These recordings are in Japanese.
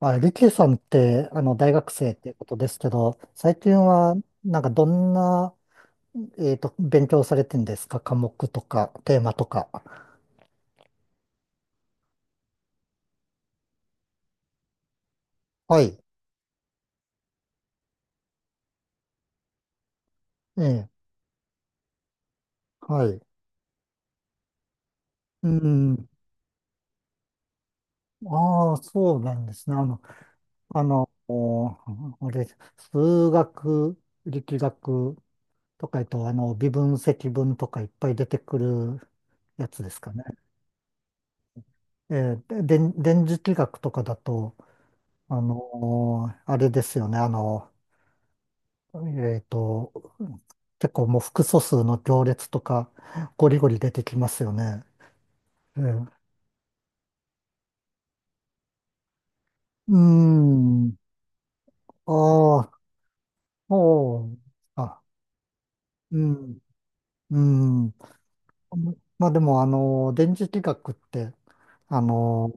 まあ、リキさんって、大学生っていうことですけど、最近は、なんかどんな、えっと、勉強されてんですか、科目とか、テーマとか。はい。ええ、はい。うん。ああ、そうなんですね。あの、あの、おあれ、数学、力学とか言うと、微分、積分とかいっぱい出てくるやつですかね。えーで電電磁気学とかだと、あれですよね。えっと、結構もう複素数の行列とか、ゴリゴリ出てきますよね。ええ。うーん。ああ、そうあ、うん、うん。まあでも、あの、電磁気学って、あの、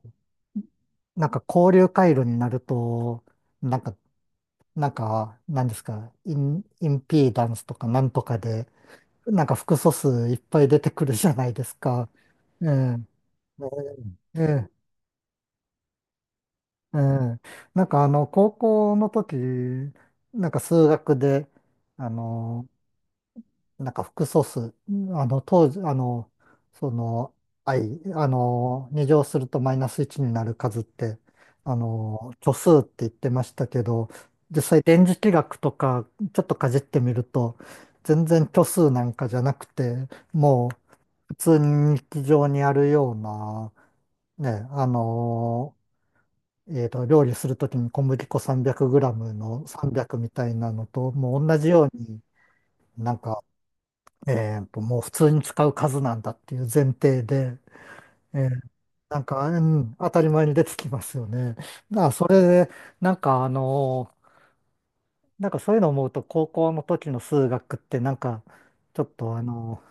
なんか交流回路になると、なんか、なんか、なんですか、イン、インピーダンスとかなんとかで、なんか複素数いっぱい出てくるじゃないですか。ええ。ええ。ええ、なんかあの、高校の時、なんか数学で、あの、なんか複素数、当時、その、i、2乗するとマイナス1になる数って、あの、虚数って言ってましたけど、実際電磁気学とか、ちょっとかじってみると、全然虚数なんかじゃなくて、もう普通に日常にあるような、ね、料理するときに小麦粉 300g の300みたいなのと、もう同じように、なんか、もう普通に使う数なんだっていう前提で、えー、なんか、うん、当たり前に出てきますよね。だからそれで、なんかあのなんかそういうのを思うと、高校の時の数学って、なんか、ちょっとあの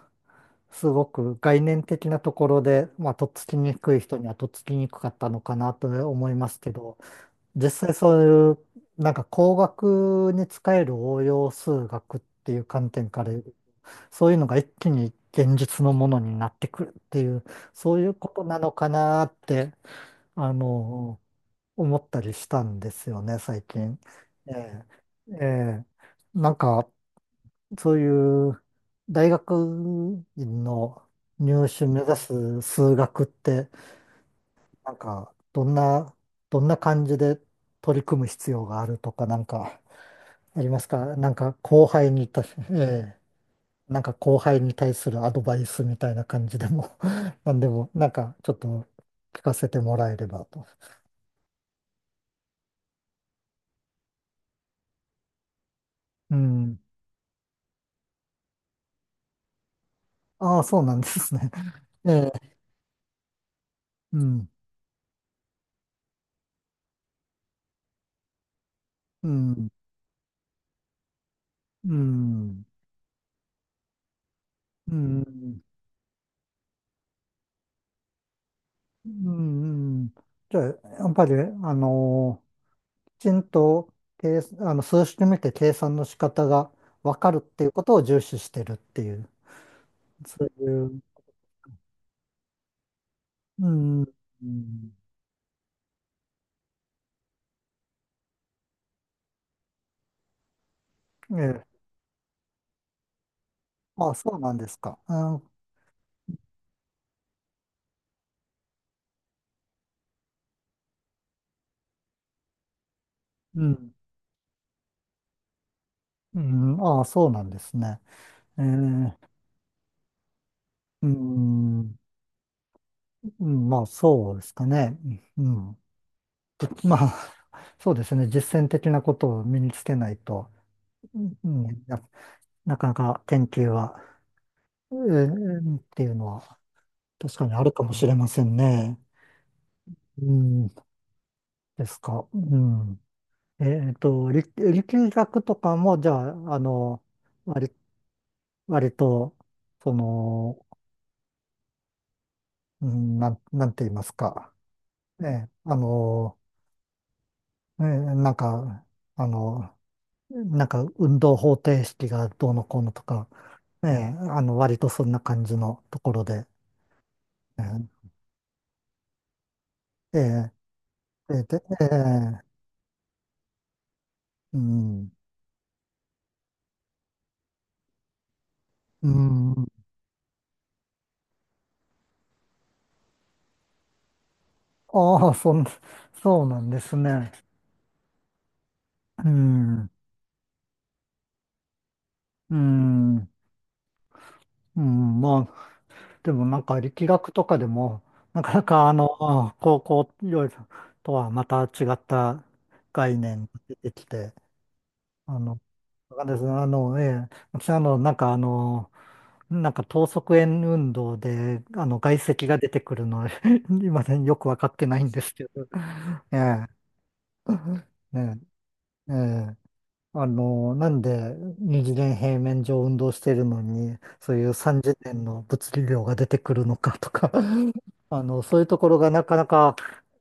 すごく概念的なところで、まあ、とっつきにくい人にはとっつきにくかったのかなと思いますけど、実際そういう、なんか工学に使える応用数学っていう観点から、そういうのが一気に現実のものになってくるっていう、そういうことなのかなって、あの、思ったりしたんですよね、最近。ええ、ええ、なんか、そういう大学院の入試目指す数学って、なんか、どんな、どんな感じで取り組む必要があるとか、なんか、ありますかなんか、後輩にた、ええ、なんか後輩に対するアドバイスみたいな感じでも なんでも、なんか、ちょっと聞かせてもらえればと。うん。ああ、そうなんですね。ええ、うん、うん、うん、うん、うん、うん。じゃあ、やっぱり、あのちんと計あの数式見て計算の仕方が分かるっていうことを重視してるっていう、そういう、うん、うん。ええ、あ、そうなんですか。あ、うん、うん、あ、そうなんですね。ええ、うん、うん、まあそうですかね。うん、で、まあ、そうですね。実践的なことを身につけないと、うん、な、なかなか研究は、ええ、っていうのは確かにあるかもしれませんね。うん、ですか。うん。えっと、力学とかも、じゃあ、あの、割、割と、その、うん、なんて言いますか。え、あの、え、なんか、あの、なんか、運動方程式がどうのこうのとか、え、あの、割とそんな感じのところで、え、え、で、でえー、うん、うん。ああ、そうなんですね。うん、うん。うん、まあ、でもなんか力学とかでも、なかなかあの、高校とはまた違った概念が出てきて、あの、わかんないですね。あの、ええ、私、なんか等速円運動で、あの、外積が出てくるの、今ね、よくわかってないんですけど、ええ、ね、え、ええ、あの、なんで二次元平面上運動してるのに、そういう三次元の物理量が出てくるのかとか、あの、そういうところがなかなか、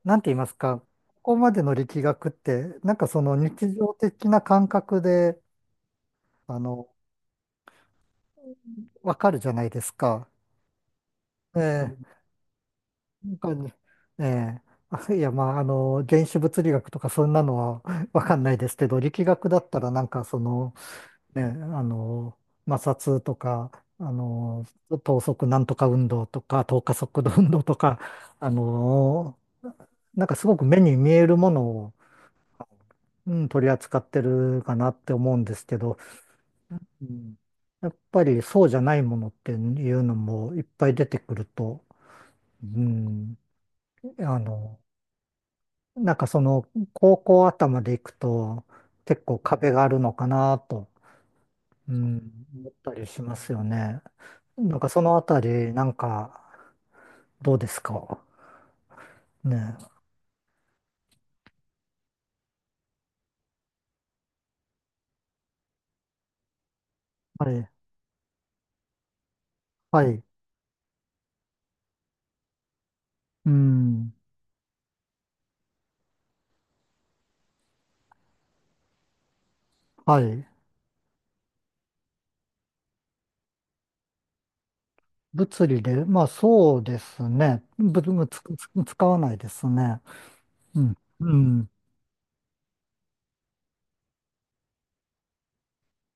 なんて言いますか、ここまでの力学って、なんかその日常的な感覚で、あの、わかるじゃないですか。ええ、なんかね、ええ、あ、いや、まあ、あの、原子物理学とかそんなのは わかんないですけど、力学だったらなんかその、ね、あの、摩擦とか、あの、等速なんとか運動とか、等加速度運動とか、あの、なんかすごく目に見えるものを、うん、取り扱ってるかなって思うんですけど、うん、やっぱりそうじゃないものっていうのもいっぱい出てくると、うん、あの、なんかその高校頭でいくと結構壁があるのかなと、うん、思ったりしますよね。なんかそのあたり、なんか、どうですかね。はい、はい、うん、はい。物理で、まあそうですね。ぶぶつ、つ使わないですね。うん、うん、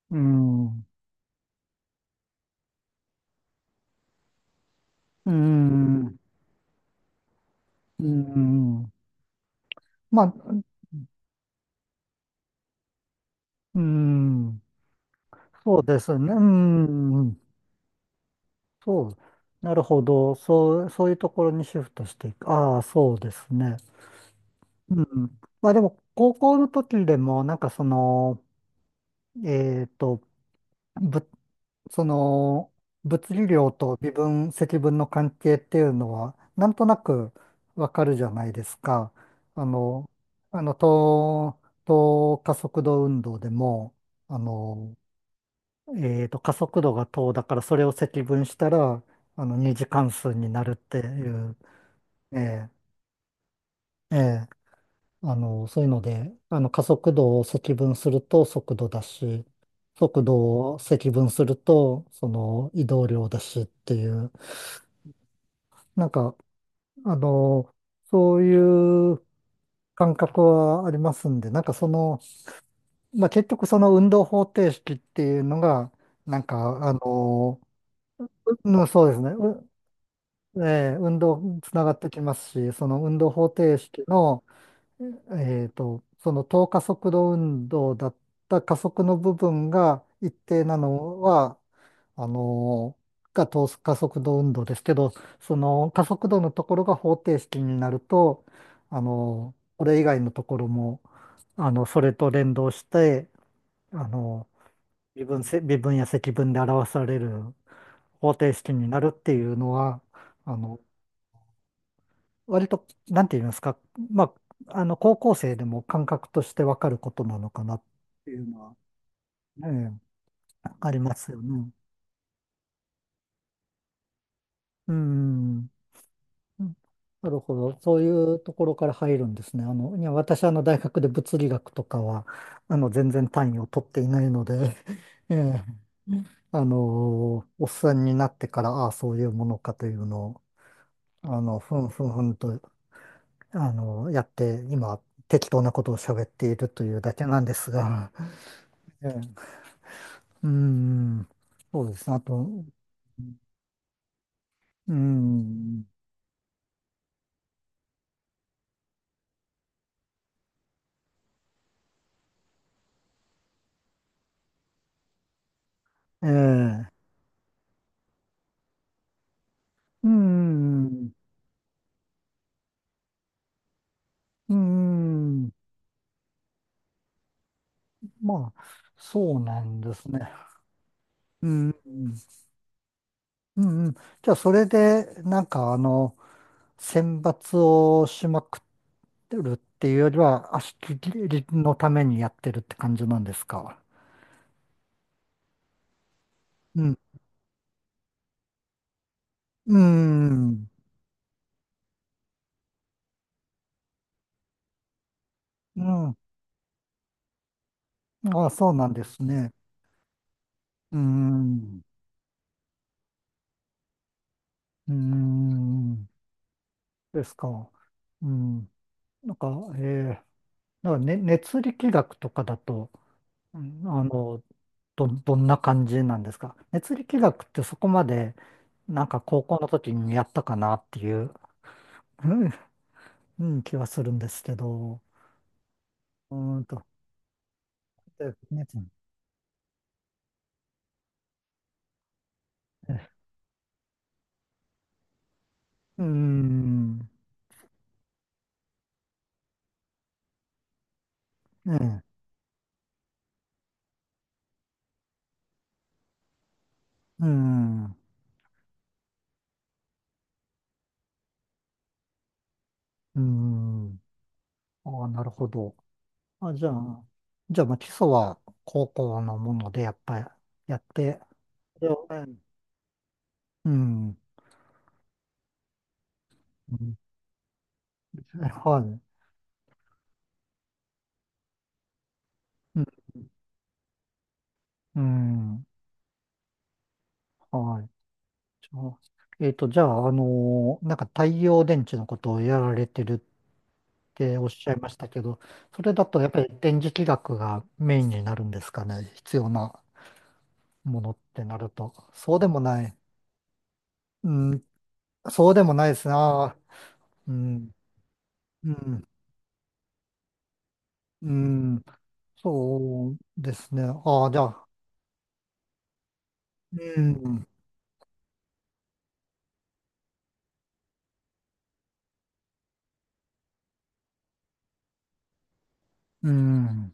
うん、うん、うん。まあ、うん、そうですね。うん、そう。なるほど。そう、そういうところにシフトしていく。ああ、そうですね。うん。まあでも、高校の時でも、なんかその、えっと、ぶ、その、物理量と微分、積分の関係っていうのは、なんとなくわかるじゃないですか。あの、あの、等、等加速度運動でも、あの、えっと、加速度が等だから、それを積分したら、あの、二次関数になるっていう、ええ、ええ、あの、そういうので、あの、加速度を積分すると速度だし、速度を積分すると、その移動量だしっていう、なんか、あの、そういう感覚はありますんで、なんかその、まあ、結局その運動方程式っていうのが、なんか、あの、うん、そうですね、う、ええ、運動つながってきますし、その運動方程式の、えっと、その等加速度運動だった加速の部分が一定なのは、あの、が等加速度運動ですけど、その加速度のところが方程式になると、あの、これ以外のところも、あの、それと連動して、あの、微分や積分で表される方程式になるっていうのは、あの、割と、なんて言いますか、まあ、あの、高校生でも感覚としてわかることなのかなっていうのは、ね、ありますよね。うん。うん、なるほど。そういうところから入るんですね。あの、いや、私、あの、大学で物理学とかは、あの、全然単位を取っていないので、ええ、あの、おっさんになってから、ああ、そういうものかというのを、あの、ふんふんふんと、あの、やって、今、適当なことを喋っているというだけなんですが、ええ、うん、そうですね。あと、うん、ええ、うん、うん、まあ、そうなんですね。うん、うん、うん。じゃあ、それで、なんか、あの、選抜をしまくってるっていうよりは、足切りのためにやってるって感じなんですか。うん、うん、うん。ああ、そうなんですね。うん、うん、ですか。うん。なんか、えー、なんか、ね、熱力学とかだと、うん、あの、どんな感じなんですか、熱力学ってそこまで、なんか高校の時にやったかなっていう、うん、うん、気はするんですけど、うーんと、で熱えうーん、ええ、うーん、うーん、ああ、なるほど。あ、じゃあ、じゃあ、まあ、基礎は高校のもので、やっぱりやって、で、うん、うん、はい、うん、うん。はい。じゃあ、えっと、じゃあ、あのー、なんか太陽電池のことをやられてるっておっしゃいましたけど、それだとやっぱり電磁気学がメインになるんですかね、必要なものってなると。そうでもない。うん、そうでもないですね。ああ、うん、うん、うん、そうですね。ああ、じゃあ、うん、うん、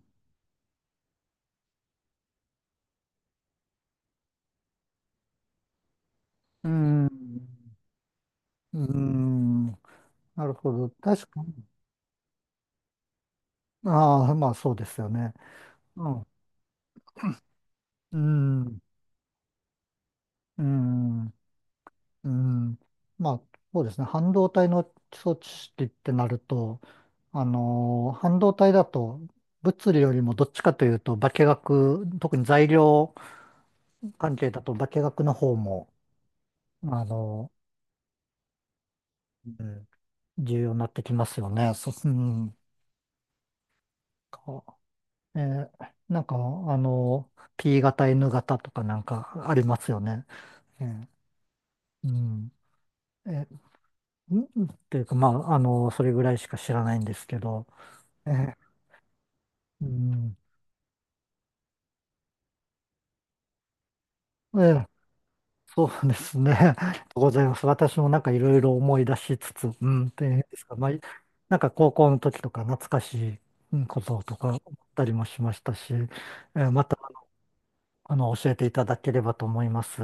うん、うん、なるほど。確かに。ああ、まあそうですよね。うん、うん、うん。うん、まあ、そうですね。半導体の装置式ってなると、あのー、半導体だと、物理よりもどっちかというと、化学、特に材料関係だと化学の方も、あのー、うん、重要になってきますよね。そう、うん。かえー、なんか、あのー、 P 型、N 型とかなんかありますよね。えー。うん。んっていうか、まあ、あの、それぐらいしか知らないんですけど、ええ、うん、ええ、そうですね。ありがとうございます。私もなんかいろいろ思い出しつつ、うん、っていうんですか、まあ、なんか高校の時とか懐かしいうん、こととか思ったりもしましたし、ええ、また、あの、教えていただければと思います。